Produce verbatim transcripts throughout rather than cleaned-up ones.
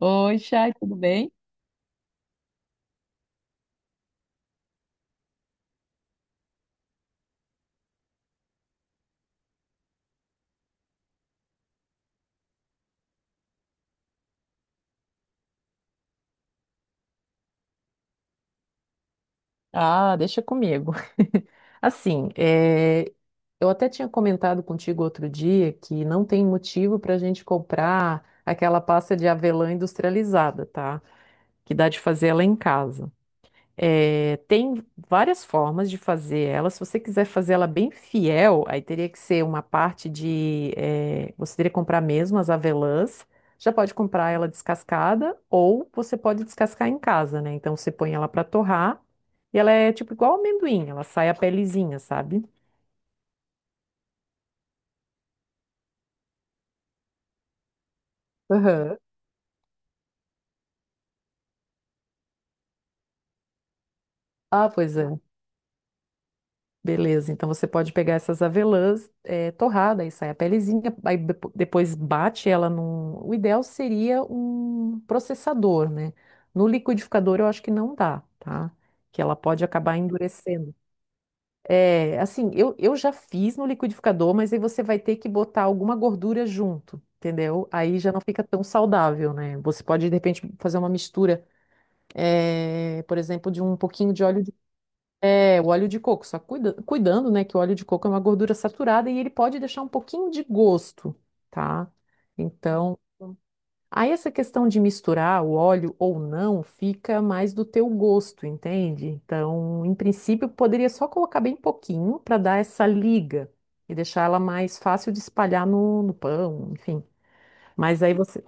Oi, Chay, tudo bem? Ah, deixa comigo. Assim, é, eu até tinha comentado contigo outro dia que não tem motivo para a gente comprar aquela pasta de avelã industrializada, tá? Que dá de fazer ela em casa. É, tem várias formas de fazer ela. Se você quiser fazer ela bem fiel, aí teria que ser uma parte de. eh, você teria que comprar mesmo as avelãs. Já pode comprar ela descascada ou você pode descascar em casa, né? Então você põe ela para torrar e ela é tipo igual amendoim, ela sai a pelezinha, sabe? Aham. Ah, pois é. Beleza, então você pode pegar essas avelãs eh, torrada, aí sai a pelezinha, aí depo- depois bate ela num. O ideal seria um processador, né? No liquidificador eu acho que não dá, tá? Que ela pode acabar endurecendo. É, assim, eu, eu já fiz no liquidificador, mas aí você vai ter que botar alguma gordura junto, entendeu? Aí já não fica tão saudável, né? Você pode, de repente, fazer uma mistura, eh, por exemplo, de um pouquinho de óleo de é, o óleo de coco, só cuida- cuidando, né, que o óleo de coco é uma gordura saturada e ele pode deixar um pouquinho de gosto, tá? Então, aí essa questão de misturar o óleo ou não fica mais do teu gosto, entende? Então, em princípio, poderia só colocar bem pouquinho para dar essa liga e deixar ela mais fácil de espalhar no, no pão, enfim. Mas aí você,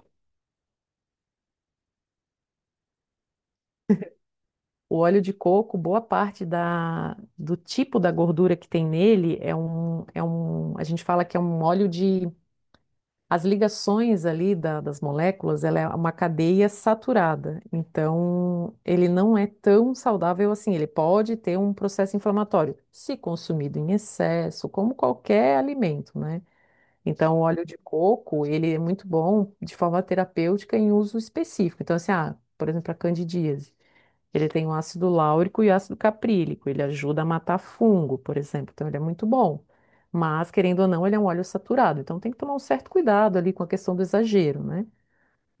o óleo de coco, boa parte da, do tipo da gordura que tem nele é um, é um, a gente fala que é um óleo de As ligações ali da- das moléculas, ela é uma cadeia saturada. Então, ele não é tão saudável assim. Ele pode ter um processo inflamatório, se consumido em excesso, como qualquer alimento, né? Então, o óleo de coco, ele é muito bom de forma terapêutica em uso específico. Então, assim, ah, por exemplo, a candidíase. Ele tem o ácido láurico e o ácido caprílico. Ele ajuda a matar fungo, por exemplo. Então, ele é muito bom. Mas, querendo ou não, ele é um óleo saturado. Então, tem que tomar um certo cuidado ali com a questão do exagero, né?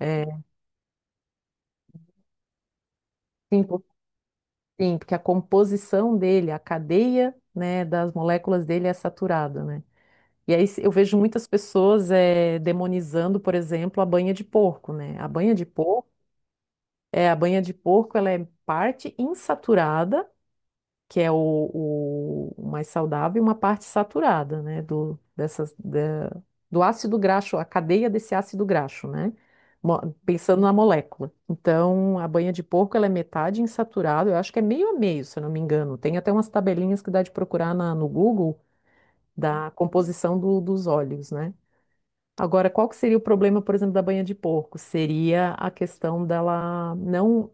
É, sim, por- sim, porque a composição dele, a cadeia, né, das moléculas dele é saturada, né? E aí se- eu vejo muitas pessoas é, demonizando, por exemplo, a banha de porco, né? A banha de porco, é, a banha de porco, ela é parte insaturada, que é o, o- o mais saudável, e uma parte saturada, né, do, dessas, da- do ácido graxo, a cadeia desse ácido graxo, né, mo- pensando na molécula. Então, a banha de porco, ela é metade insaturada, eu acho que é meio a meio, se eu não me engano. Tem até umas tabelinhas que dá de procurar na- no Google da composição do- dos óleos, né. Agora, qual que seria o problema, por exemplo, da banha de porco? Seria a questão dela não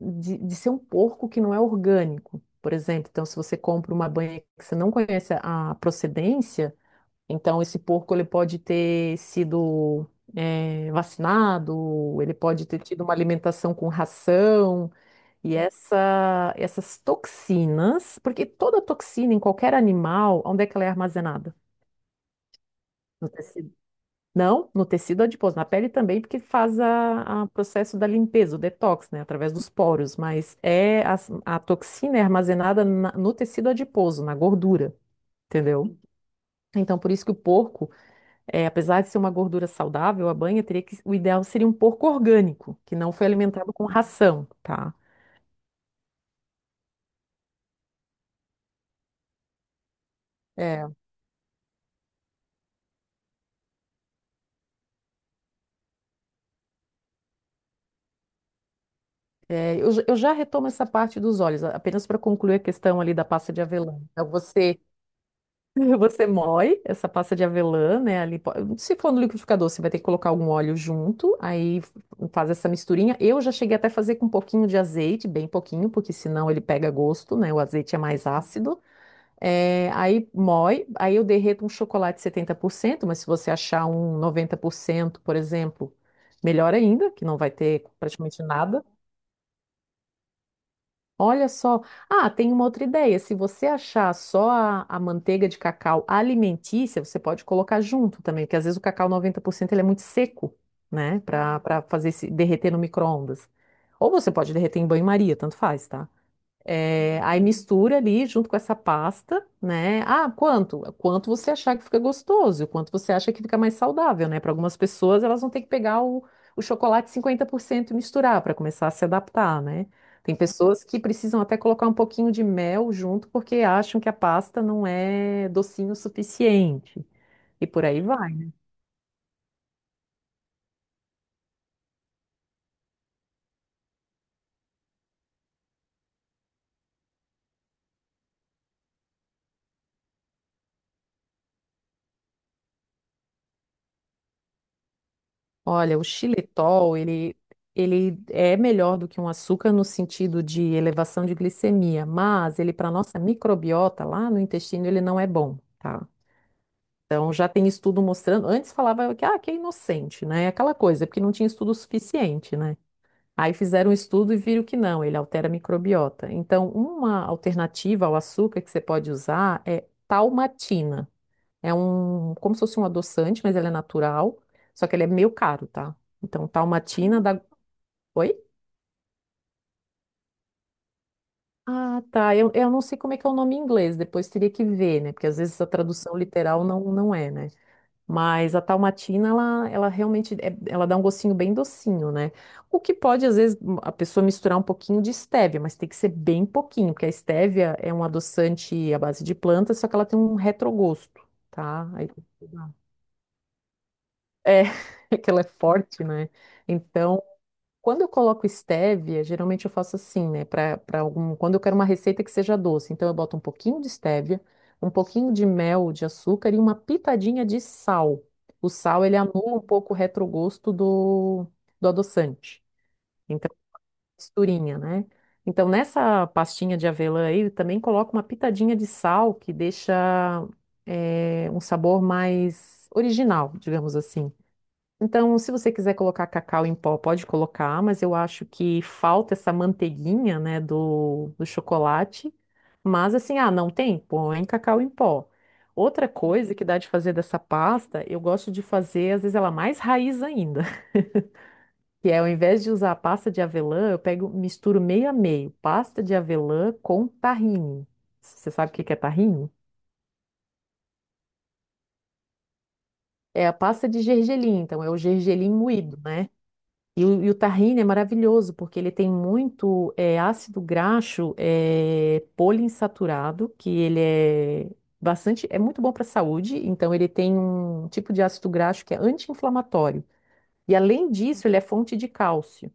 de, de ser um porco que não é orgânico, por exemplo. Então, se você compra uma banha que você não conhece a procedência, então esse porco ele pode ter sido eh, vacinado, ele pode ter tido uma alimentação com ração. E essa, essas toxinas, porque toda toxina em qualquer animal, onde é que ela é armazenada? No tecido... não, no tecido adiposo, na pele também, porque faz a, a processo da limpeza, o detox, né, através dos poros, mas é a, a toxina é armazenada na- no tecido adiposo, na gordura, entendeu? Então, por isso que o porco, é, apesar de ser uma gordura saudável, a banha teria que, o ideal seria um porco orgânico, que não foi alimentado com ração, tá? É, é, eu, j- eu já retomo essa parte dos olhos, a- apenas para concluir a questão ali da pasta de avelã. Então, você... Você moe essa pasta de avelã, né? Ali, po- se for no liquidificador, você vai ter que colocar algum óleo junto, aí f- faz essa misturinha. Eu já cheguei até a fazer com um pouquinho de azeite, bem pouquinho, porque senão ele pega gosto, né? O azeite é mais ácido. É, aí moe, aí eu derreto um chocolate setenta por cento, mas se você achar um noventa por cento, por exemplo, melhor ainda, que não vai ter praticamente nada. Olha só. Ah, tem uma outra ideia. Se você achar só a, a manteiga de cacau alimentícia, você pode colocar junto também, porque às vezes o cacau noventa por cento ele é muito seco, né? Para para fazer se derreter no micro-ondas. Ou você pode derreter em banho-maria, tanto faz, tá? É, aí mistura ali junto com essa pasta, né? Ah, quanto? Quanto você achar que fica gostoso, quanto você acha que fica mais saudável, né? Para algumas pessoas, elas vão ter que pegar o, o chocolate cinquenta por cento e misturar para começar a se adaptar, né? Tem pessoas que precisam até colocar um pouquinho de mel junto porque acham que a pasta não é docinho o suficiente. E por aí vai. Olha, o xilitol, ele, ele é melhor do que um açúcar no sentido de elevação de glicemia, mas ele, para nossa microbiota lá no intestino, ele não é bom, tá? Então, já tem estudo mostrando. Antes falava que, ah, que é inocente, né? Aquela coisa, porque não tinha estudo suficiente, né? Aí fizeram um estudo e viram que não, ele altera a microbiota. Então, uma alternativa ao açúcar que você pode usar é talmatina. É um, como se fosse um adoçante, mas ele é natural. Só que ele é meio caro, tá? Então, Dalmatina da. Oi? Ah, tá. Eu, eu não sei como é que é o nome em inglês, depois teria que ver, né? Porque às vezes a tradução literal não, não é, né? Mas a Dalmatina, ela, ela realmente, é- ela dá um gostinho bem docinho, né? O que pode, às vezes, a pessoa misturar um pouquinho de estévia, mas tem que ser bem pouquinho, porque a estévia é um adoçante à base de plantas, só que ela tem um retrogosto, tá? Aí... É, é que ela é forte, né? Então, quando eu coloco estévia, geralmente eu faço assim, né? Pra, pra algum, quando eu quero uma receita que seja doce, então eu boto um pouquinho de estévia, um pouquinho de mel, de açúcar e uma pitadinha de sal. O sal, ele anula um pouco o retrogosto do, do adoçante. Então, misturinha, né? Então, nessa pastinha de avelã aí, eu também coloco uma pitadinha de sal, que deixa, eh, um sabor mais original, digamos assim. Então, se você quiser colocar cacau em pó, pode colocar, mas eu acho que falta essa manteiguinha, né, do, do chocolate. Mas assim, ah, não tem? Põe cacau em pó. Outra coisa que dá de fazer dessa pasta, eu gosto de fazer, às vezes ela mais raiz ainda, que é ao invés de usar a pasta de avelã, eu pego, misturo meio a meio, pasta de avelã com tahine. Você sabe o que que é tahine? É a pasta de gergelim, então é o gergelim moído, né? E o, e o tahine é maravilhoso, porque ele tem muito eh, ácido graxo eh, poliinsaturado, que ele é bastante, é muito bom para a saúde, então ele tem um tipo de ácido graxo que é anti-inflamatório. E além disso, ele é fonte de cálcio.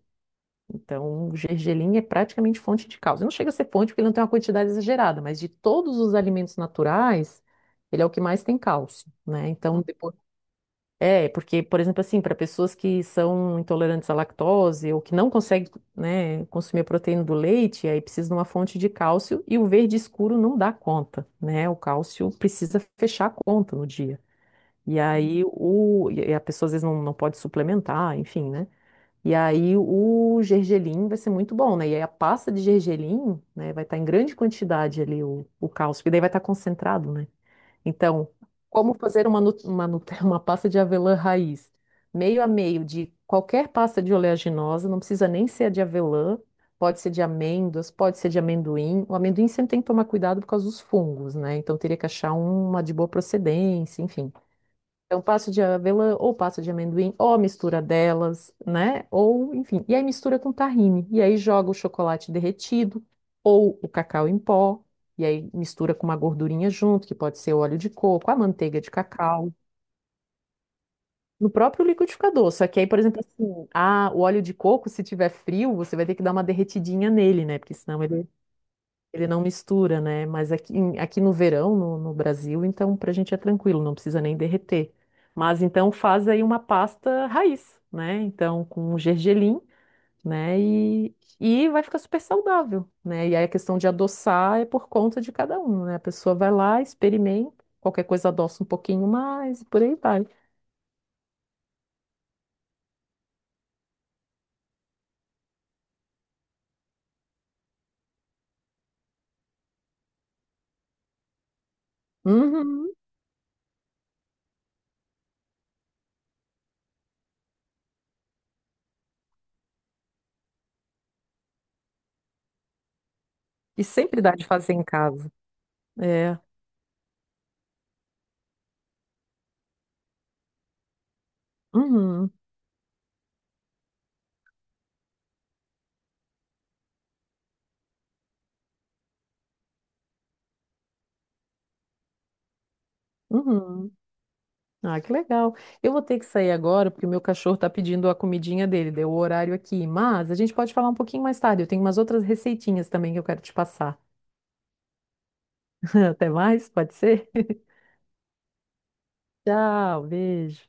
Então, o gergelim é praticamente fonte de cálcio. Não chega a ser fonte porque ele não tem uma quantidade exagerada, mas de todos os alimentos naturais, ele é o que mais tem cálcio, né? Então, é, porque, por exemplo, assim, para pessoas que são intolerantes à lactose ou que não conseguem, né, consumir a proteína do leite, aí precisa de uma fonte de cálcio e o verde escuro não dá conta, né? O cálcio precisa fechar a conta no dia. E aí o, e a pessoa às vezes não, não pode suplementar, enfim, né? E aí o gergelim vai ser muito bom, né? E aí a pasta de gergelim, né, vai estar em grande quantidade ali o, o cálcio, que daí vai estar concentrado, né? Então, como fazer uma, nu- uma, nu- uma pasta de avelã raiz? Meio a meio de qualquer pasta de oleaginosa, não precisa nem ser a de avelã, pode ser de amêndoas, pode ser de amendoim. O amendoim sempre tem que tomar cuidado por causa dos fungos, né? Então teria que achar uma de boa procedência, enfim. Então, passa de avelã ou passa de amendoim, ou a mistura delas, né? Ou, enfim. E aí mistura com tahine. E aí joga o chocolate derretido ou o cacau em pó. E aí mistura com uma gordurinha junto, que pode ser óleo de coco, a manteiga de cacau. No próprio liquidificador. Só que aí, por exemplo, assim, ah, o óleo de coco, se tiver frio, você vai ter que dar uma derretidinha nele, né? Porque senão ele ele não mistura, né? Mas aqui, em- aqui no verão, no, no Brasil, então pra gente é tranquilo, não precisa nem derreter. Mas então faz aí uma pasta raiz, né? Então com gergelim, né? E, e vai ficar super saudável, né? E aí a questão de adoçar é por conta de cada um, né? A pessoa vai lá, experimenta, qualquer coisa adoça um pouquinho mais e por aí vai. Uhum. E sempre dá de fazer em casa. É. Uhum. Uhum. Ah, que legal. Eu vou ter que sair agora porque o meu cachorro está pedindo a comidinha dele, deu o horário aqui. Mas a gente pode falar um pouquinho mais tarde. Eu tenho umas outras receitinhas também que eu quero te passar. Até mais, pode ser? Tchau, beijo.